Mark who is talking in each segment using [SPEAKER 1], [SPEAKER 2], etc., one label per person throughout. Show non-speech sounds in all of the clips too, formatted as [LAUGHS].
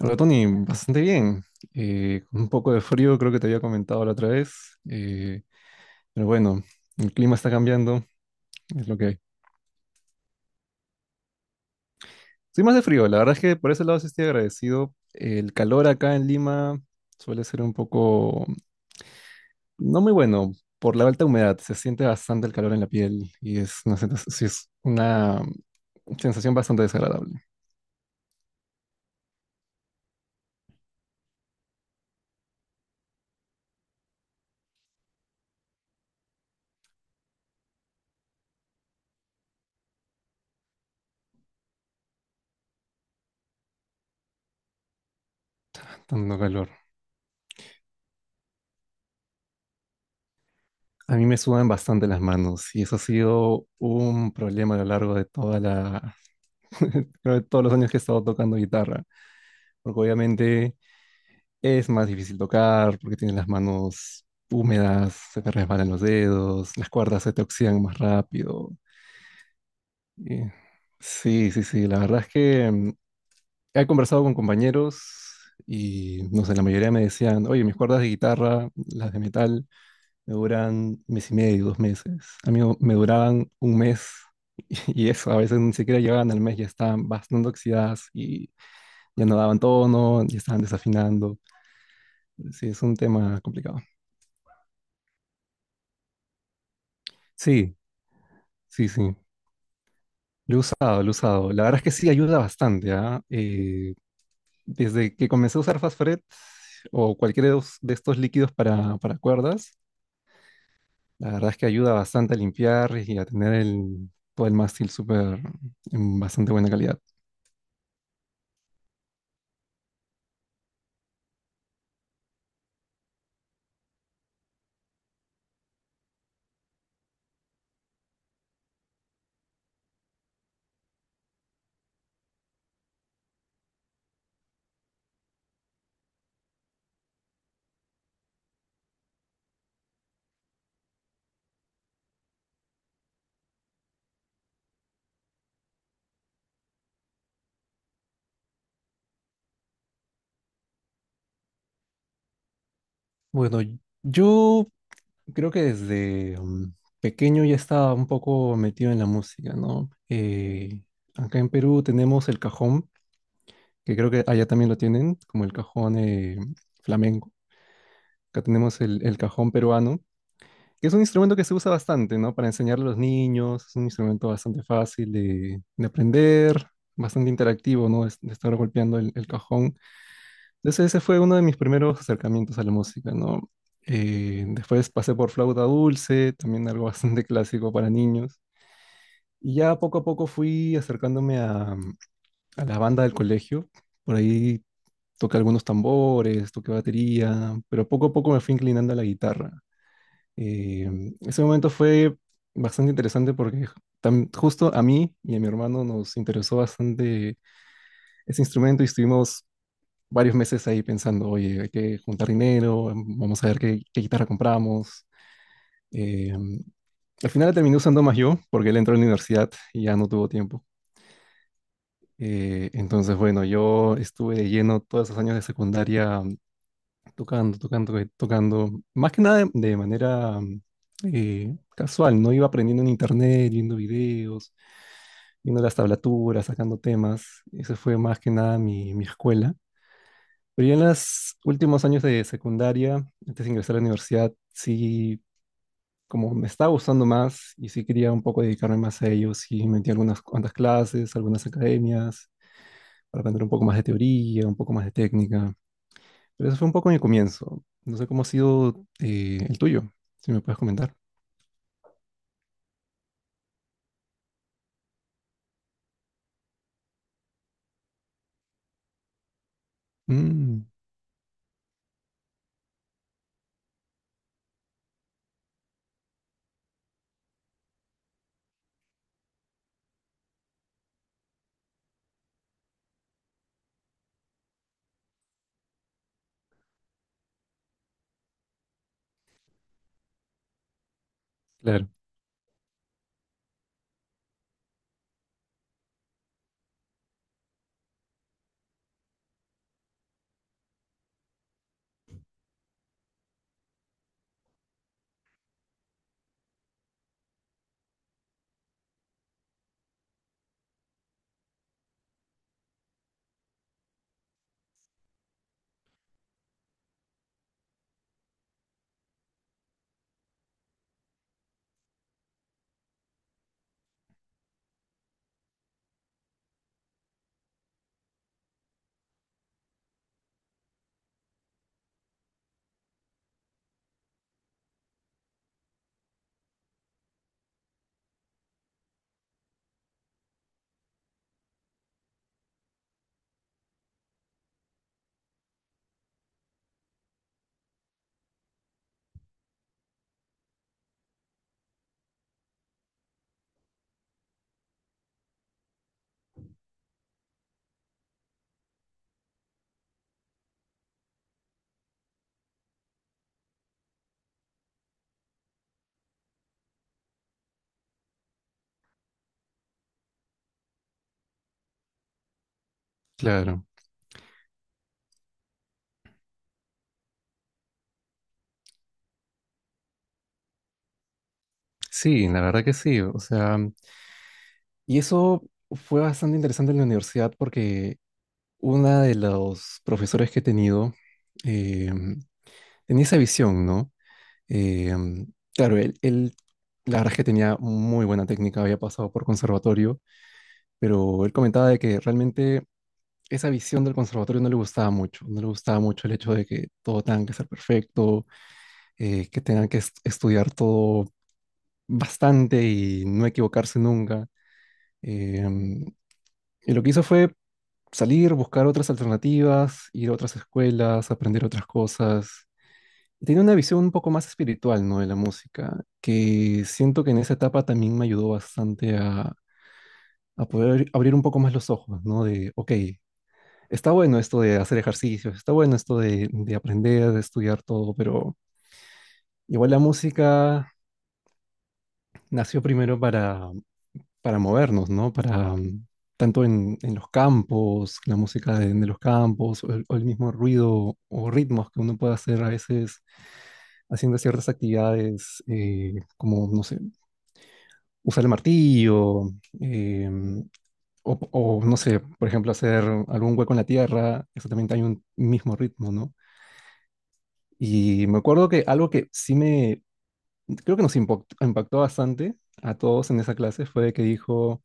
[SPEAKER 1] Hola Tony, bastante bien. Con un poco de frío, creo que te había comentado la otra vez. Pero bueno, el clima está cambiando, es lo que hay. Soy más de frío, la verdad es que por ese lado sí estoy agradecido. El calor acá en Lima suele ser un poco, no muy bueno, por la alta humedad. Se siente bastante el calor en la piel y es una, sí, es una sensación bastante desagradable, tanto calor. A mí me sudan bastante las manos y eso ha sido un problema a lo largo de toda la, [LAUGHS] creo que todos los años que he estado tocando guitarra, porque obviamente es más difícil tocar, porque tienes las manos húmedas, se te resbalan los dedos, las cuerdas se te oxidan más rápido. y- sí, sí, sí, la verdad es que he conversado con compañeros y, no sé, la mayoría me decían, oye, mis cuerdas de guitarra, las de metal, me duran un mes y medio, dos meses. A mí me duraban un mes. [LAUGHS] Y eso, a veces ni siquiera llegaban al mes, ya estaban bastante oxidadas y ya no daban tono, ya estaban desafinando. Sí, es un tema complicado. Sí, sí, sí. Lo he usado, lo he usado. La verdad es que sí ayuda bastante, ¿ah? Desde que comencé a usar Fastfret o cualquiera de estos líquidos para cuerdas, la verdad es que ayuda bastante a limpiar y a tener el, todo el mástil súper en bastante buena calidad. Bueno, yo creo que desde pequeño ya estaba un poco metido en la música, ¿no? Acá en Perú tenemos el cajón, que creo que allá también lo tienen, como el cajón flamenco. Acá tenemos el cajón peruano, que es un instrumento que se usa bastante, ¿no? Para enseñarle a los niños, es un instrumento bastante fácil de aprender, bastante interactivo, ¿no? De estar golpeando el cajón. Entonces ese fue uno de mis primeros acercamientos a la música, ¿no? Después pasé por flauta dulce, también algo [LAUGHS] bastante clásico para niños. Y ya poco a poco fui acercándome a la banda del colegio. Por ahí toqué algunos tambores, toqué batería, pero poco a poco me fui inclinando a la guitarra. Eh, Ese momento fue bastante interesante porque justo a mí y a mi hermano nos interesó bastante ese instrumento y estuvimos varios meses ahí pensando, oye, hay que juntar dinero, vamos a ver qué, qué guitarra compramos. Eh, Al final la terminé usando más yo porque él entró en la universidad y ya no tuvo tiempo. Entonces, bueno, yo estuve de lleno todos esos años de secundaria tocando, tocando, tocando. Más que nada de, de manera casual, ¿no? Iba aprendiendo en internet, viendo videos, viendo las tablaturas, sacando temas. Esa fue más que nada mi, mi escuela. Pero ya en los últimos años de secundaria, antes de ingresar a la universidad, sí, como me estaba gustando más y sí quería un poco dedicarme más a ello, sí metí algunas cuantas clases, algunas academias, para aprender un poco más de teoría, un poco más de técnica. Pero eso fue un poco mi comienzo. No sé cómo ha sido el tuyo, si me puedes comentar. Mm, claro, claro. Sí, la verdad que sí. O sea, y eso fue bastante interesante en la universidad porque una de los profesores que he tenido eh, tenía esa visión, ¿no? Eh, claro, él, la verdad es que tenía muy buena técnica, había pasado por conservatorio, pero él comentaba de que realmente esa visión del conservatorio no le gustaba mucho, no le gustaba mucho el hecho de que todo tenga que ser perfecto, que tengan que estudiar todo bastante y no equivocarse nunca. Em, y lo que hizo fue salir, buscar otras alternativas, ir a otras escuelas, aprender otras cosas. Y tenía una visión un poco más espiritual, ¿no? De la música, que siento que en esa etapa también me ayudó bastante a poder abrir un poco más los ojos, ¿no? De, ok, está bueno esto de hacer ejercicios, está bueno esto de aprender, de estudiar todo, pero igual la música nació primero para movernos, ¿no? Para tanto en los campos, la música de los campos, o el mismo ruido o ritmos que uno puede hacer a veces haciendo ciertas actividades, como, no sé, usar el martillo, em, o, no sé, por ejemplo, hacer algún hueco en la tierra, eso también hay un mismo ritmo, ¿no? Y me acuerdo que algo que sí me, creo que nos impactó, impactó bastante a todos en esa clase fue que dijo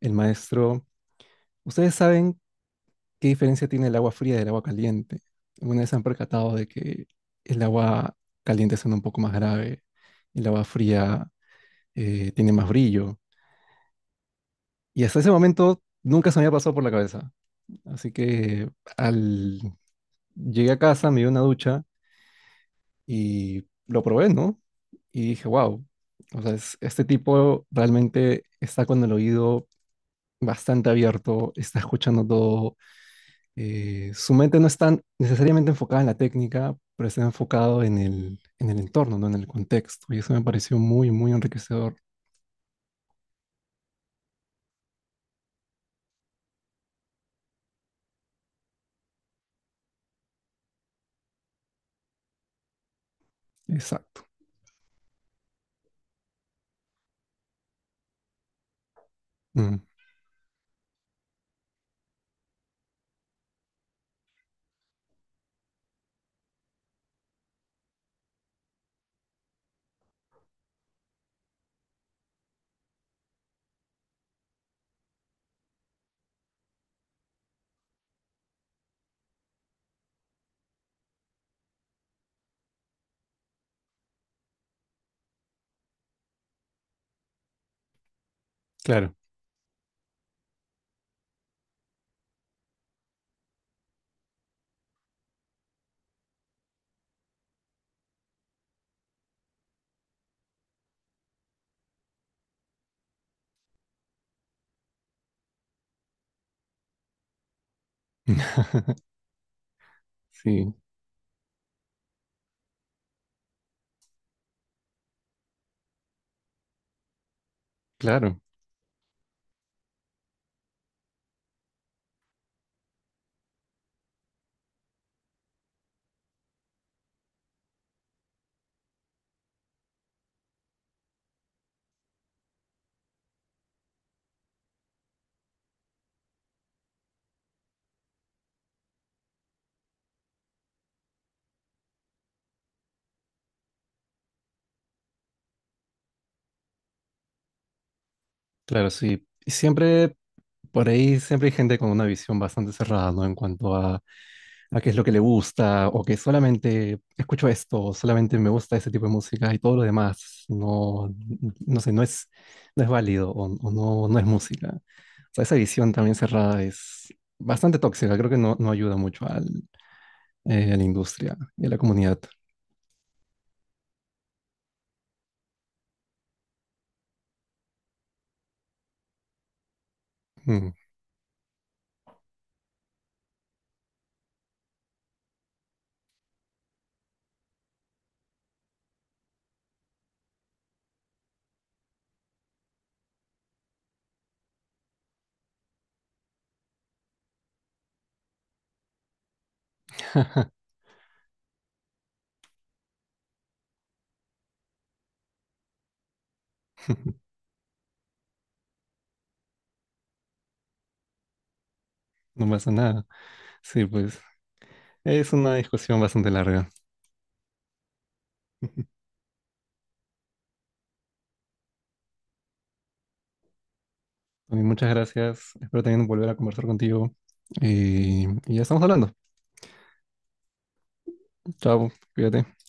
[SPEAKER 1] el maestro, ¿ustedes saben qué diferencia tiene el agua fría del agua caliente? Alguna vez se han percatado de que el agua caliente suena un poco más grave, el agua fría tiene más brillo. Y hasta ese momento nunca se me había pasado por la cabeza. Así que al llegué a casa, me di una ducha y lo probé, ¿no? Y dije, wow, o sea, este tipo realmente está con el oído bastante abierto, está escuchando todo, su mente no está necesariamente enfocada en la técnica, pero está enfocado en el entorno, ¿no? En el contexto, y eso me pareció muy, muy enriquecedor. Exacto. Mm, claro. [LAUGHS] Sí, claro, claro, sí. Y siempre, por ahí, siempre hay gente con una visión bastante cerrada, ¿no? En cuanto a qué es lo que le gusta, o que solamente escucho esto, o solamente me gusta ese tipo de música y todo lo demás, no, no sé, no es, no es válido o no, no es música. O sea, esa visión también cerrada es bastante tóxica, creo que no, no ayuda mucho al, a la industria y a la comunidad. Mm. [LAUGHS] No pasa nada. Sí, pues es una discusión bastante larga. Tony, muchas gracias. Espero también volver a conversar contigo. Y ya estamos hablando. Chao, cuídate.